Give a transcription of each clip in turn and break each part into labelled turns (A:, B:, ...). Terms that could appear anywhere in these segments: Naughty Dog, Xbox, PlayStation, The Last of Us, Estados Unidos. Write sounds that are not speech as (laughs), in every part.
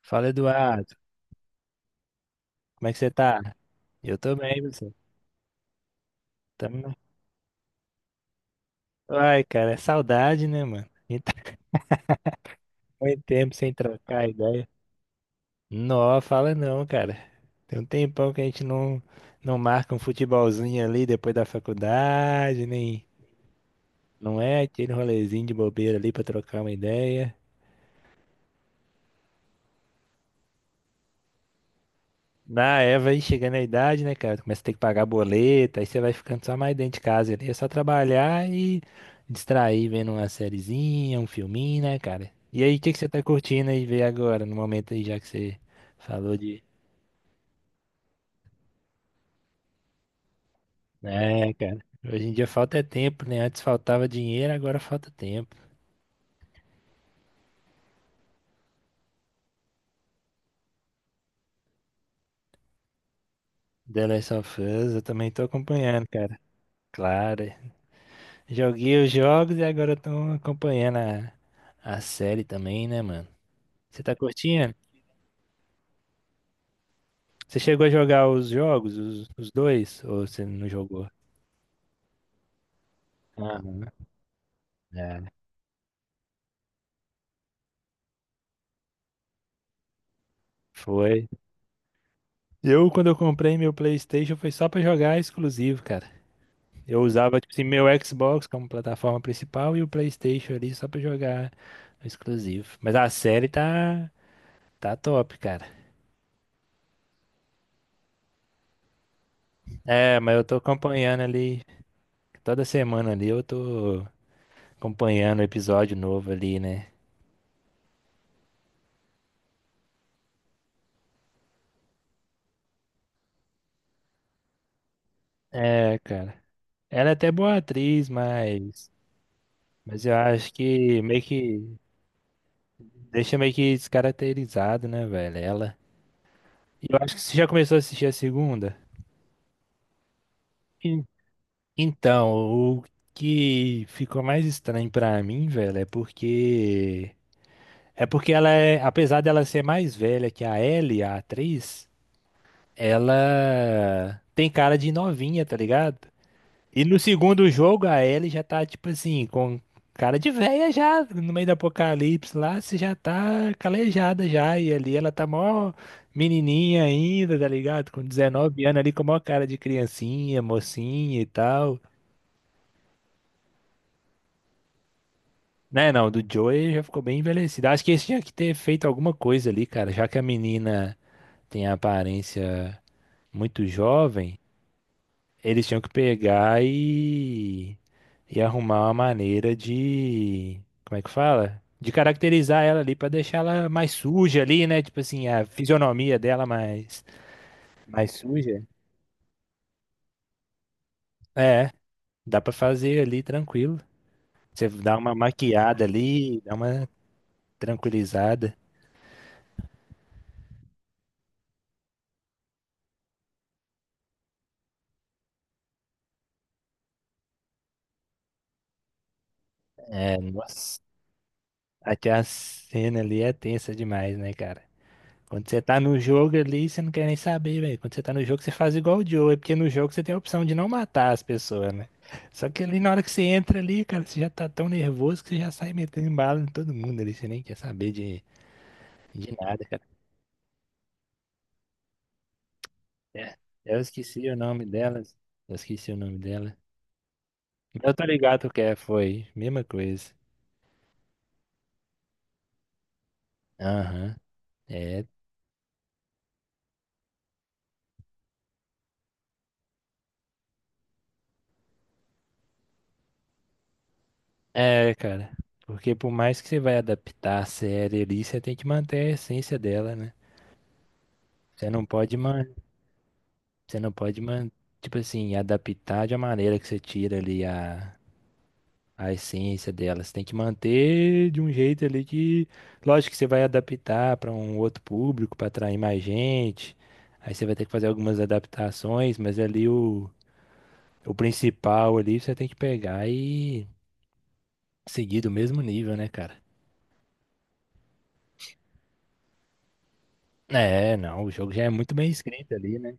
A: Fala, Eduardo. Como é que você tá? Eu tô bem, e você? Tamo... na- Ai, cara, é saudade, né, mano? A gente tá (laughs) muito tempo sem trocar ideia. Não, fala não, cara. Tem um tempão que a gente não marca um futebolzinho ali depois da faculdade, nem... Não é aquele rolezinho de bobeira ali pra trocar uma ideia. Na Eva aí chegando à idade, né, cara? Começa a ter que pagar boleto, aí você vai ficando só mais dentro de casa ali. É só trabalhar e distrair vendo uma sériezinha, um filminho, né, cara? E aí, o que que você tá curtindo aí ver agora, no momento aí, já que você falou de. É, cara. Hoje em dia falta é tempo, né? Antes faltava dinheiro, agora falta tempo. The Last of Us, eu também tô acompanhando, cara. Claro. É. Joguei os jogos e agora eu tô acompanhando a série também, né, mano? Você tá curtindo? Você chegou a jogar os jogos, os dois? Ou você não jogou? Ah, é. Foi. Quando eu comprei meu PlayStation, foi só pra jogar exclusivo, cara. Eu usava, tipo assim, meu Xbox como plataforma principal e o PlayStation ali só pra jogar exclusivo. Mas a série tá top, cara. É, mas eu tô acompanhando ali, toda semana ali eu tô acompanhando o episódio novo ali, né? É, cara. Ela é até boa atriz, mas. Mas eu acho que meio que deixa meio que descaracterizado, né, velho? Ela. E eu acho que você já começou a assistir a segunda. Sim. Então, o que ficou mais estranho pra mim, velho, é porque. É porque ela é. Apesar dela ser mais velha que a Ellie, a atriz, ela tem cara de novinha, tá ligado? E no segundo jogo, a Ellie já tá, tipo assim, com cara de véia já, no meio do apocalipse lá, você já tá calejada já. E ali ela tá mó menininha ainda, tá ligado? Com 19 anos ali, com a maior cara de criancinha, mocinha e tal. Né, não, do Joey já ficou bem envelhecido. Acho que eles tinha que ter feito alguma coisa ali, cara, já que a menina tem a aparência muito jovem. Eles tinham que pegar e arrumar uma maneira de, como é que fala? De caracterizar ela ali pra deixar ela mais suja ali, né? Tipo assim, a fisionomia dela mais suja. É, dá pra fazer ali tranquilo. Você dá uma maquiada ali, dá uma tranquilizada. É, nossa, até a cena ali é tensa demais, né, cara? Quando você tá no jogo ali, você não quer nem saber, velho. Quando você tá no jogo, você faz igual o Joe, é porque no jogo você tem a opção de não matar as pessoas, né? Só que ali na hora que você entra ali, cara, você já tá tão nervoso que você já sai metendo bala em todo mundo ali, você nem quer saber de nada, cara. É, eu esqueci o nome delas. Eu esqueci o nome dela. Eu tô ligado que é, foi. Mesma coisa. Aham. É, é, cara. Porque por mais que você vai adaptar a série ali, você tem que manter a essência dela, né? Você não pode man. Você não pode, man- Tipo assim, adaptar de uma maneira que você tira ali a essência dela. Você tem que manter de um jeito ali que, lógico que você vai adaptar para um outro público, para atrair mais gente. Aí você vai ter que fazer algumas adaptações, mas ali o principal ali você tem que pegar e seguir do mesmo nível, né, cara? É, não, o jogo já é muito bem escrito ali, né?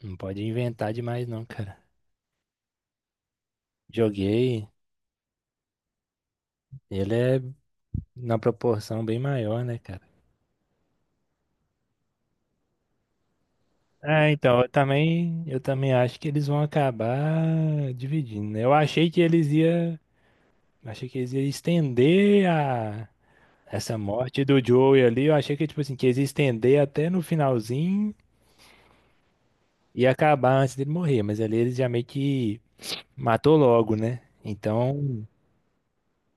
A: Não pode inventar demais, não, cara. Joguei, ele é na proporção bem maior, né, cara? É, então, eu também acho que eles vão acabar dividindo, né? Eu achei que eles ia, Achei que eles ia estender a essa morte do Joey ali, eu achei que tipo assim, que eles ia estender até no finalzinho e acabar antes dele morrer, mas ali eles já meio que matou logo, né? Então,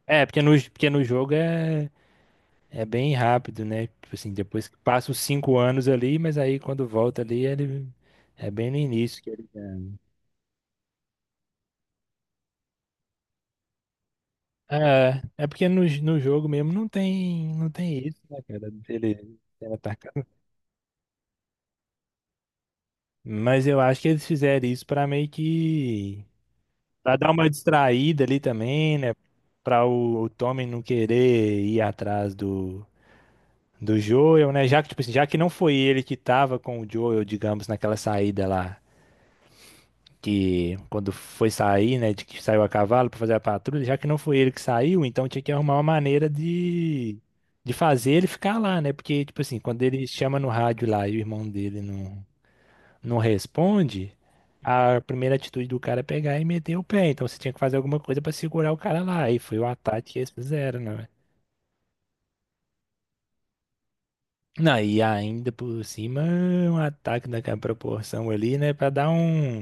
A: porque no jogo é bem rápido, né? Tipo assim, depois que passa os 5 anos ali, mas aí quando volta ali, ele é bem no início. É porque no jogo mesmo não tem, isso, né, cara? Ele sendo Mas eu acho que eles fizeram isso pra meio que. Pra dar uma distraída ali também, né? Pra o Tommy não querer ir atrás do Joel, né? Já que, tipo assim, já que não foi ele que tava com o Joel, digamos, naquela saída lá. Que quando foi sair, né, de que saiu a cavalo para fazer a patrulha, já que não foi ele que saiu, então tinha que arrumar uma maneira de fazer ele ficar lá, né? Porque tipo assim, quando ele chama no rádio lá e o irmão dele não responde, a primeira atitude do cara é pegar e meter o pé. Então você tinha que fazer alguma coisa para segurar o cara lá. E foi o ataque que eles fizeram, né? Não, e ainda por cima, um ataque daquela proporção ali, né? Pra dar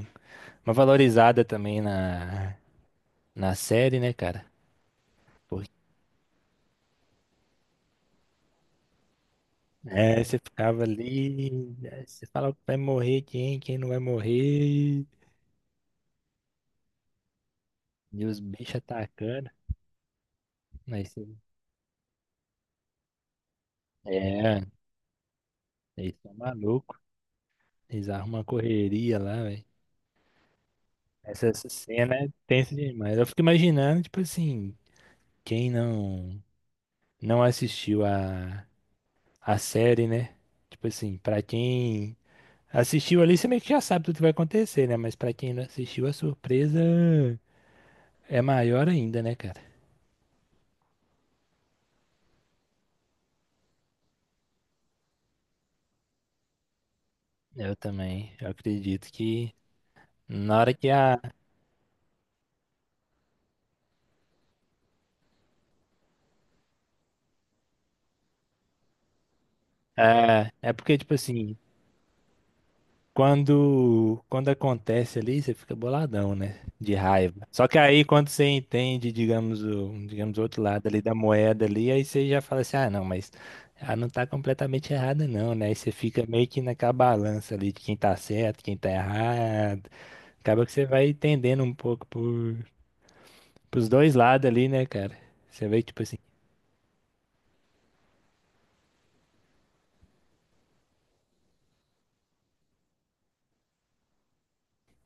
A: uma valorizada também na série, né, cara? É, você ficava ali, aí você fala que vai morrer quem, quem não vai morrer, e os bichos atacando. Aí você, é, Eles são malucos, eles arrumam uma correria lá, velho. Essa cena é tensa demais. Eu fico imaginando, tipo assim, quem não assistiu a série, né? Tipo assim, pra quem assistiu ali, você meio que já sabe tudo que vai acontecer, né? Mas pra quem não assistiu, a surpresa é maior ainda, né, cara? Eu também, eu acredito que. Na hora que a. É porque, tipo assim, quando acontece ali, você fica boladão, né? De raiva. Só que aí, quando você entende, digamos, o outro lado ali da moeda ali, aí você já fala assim, ah, não, mas ela não tá completamente errada, não, né? Aí você fica meio que naquela balança ali de quem tá certo, quem tá errado. Acaba que você vai entendendo um pouco pros dois lados ali, né, cara? Você vê, tipo assim.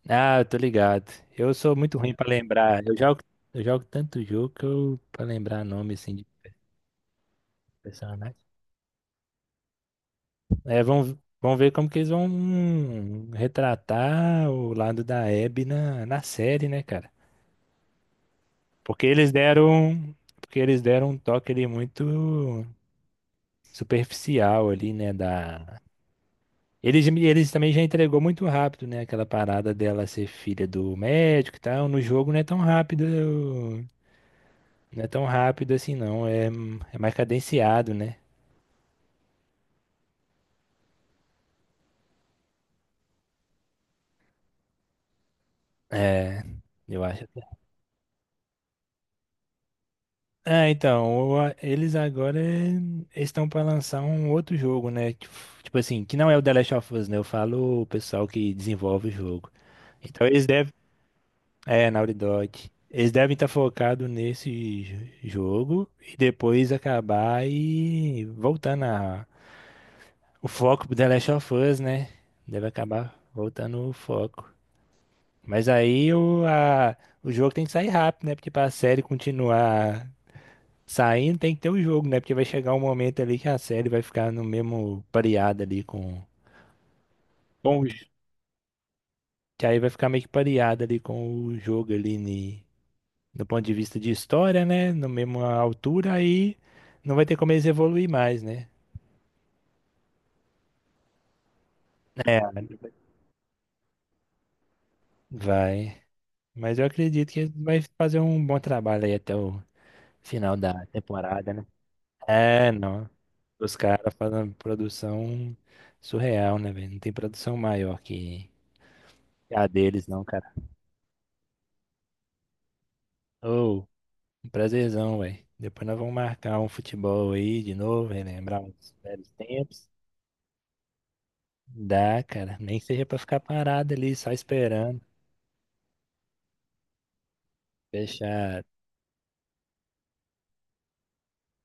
A: Ah, eu tô ligado. Eu sou muito ruim pra lembrar. Eu jogo tanto jogo que eu para lembrar nome assim de personagem. É, vamos ver como que eles vão retratar o lado da Abby na série, né, cara? Porque eles deram, porque eles deram um toque ali muito superficial ali, né, da. Eles também já entregou muito rápido, né? Aquela parada dela ser filha do médico e tal. No jogo não é tão rápido. Não é tão rápido assim, não. É, é mais cadenciado, né? É, eu acho. É, então, eles agora estão para lançar um outro jogo, né? Tipo assim, que não é o The Last of Us, né? Eu falo o pessoal que desenvolve o jogo. Então eles devem. É, Naughty Dog. Eles devem estar focados nesse jogo e depois acabar e voltando o foco pro The Last of Us, né? Deve acabar voltando o foco. Mas aí o jogo tem que sair rápido, né? Porque para a série continuar saindo, tem que ter o jogo, né? Porque vai chegar um momento ali que a série vai ficar no mesmo pareada ali com, o que aí vai ficar meio que pareada ali com o jogo ali do ponto de vista de história, né? Na mesma altura, aí não vai ter como eles evoluir mais, né? É. Vai. Mas eu acredito que vai fazer um bom trabalho aí até o final da temporada, né? É, não. Os caras fazem uma produção surreal, né, velho? Não tem produção maior que a deles, não, cara. Ô, um prazerzão, velho. Depois nós vamos marcar um futebol aí de novo, relembrar uns velhos tempos. Dá, cara. Nem que seja pra ficar parado ali, só esperando. Fechar.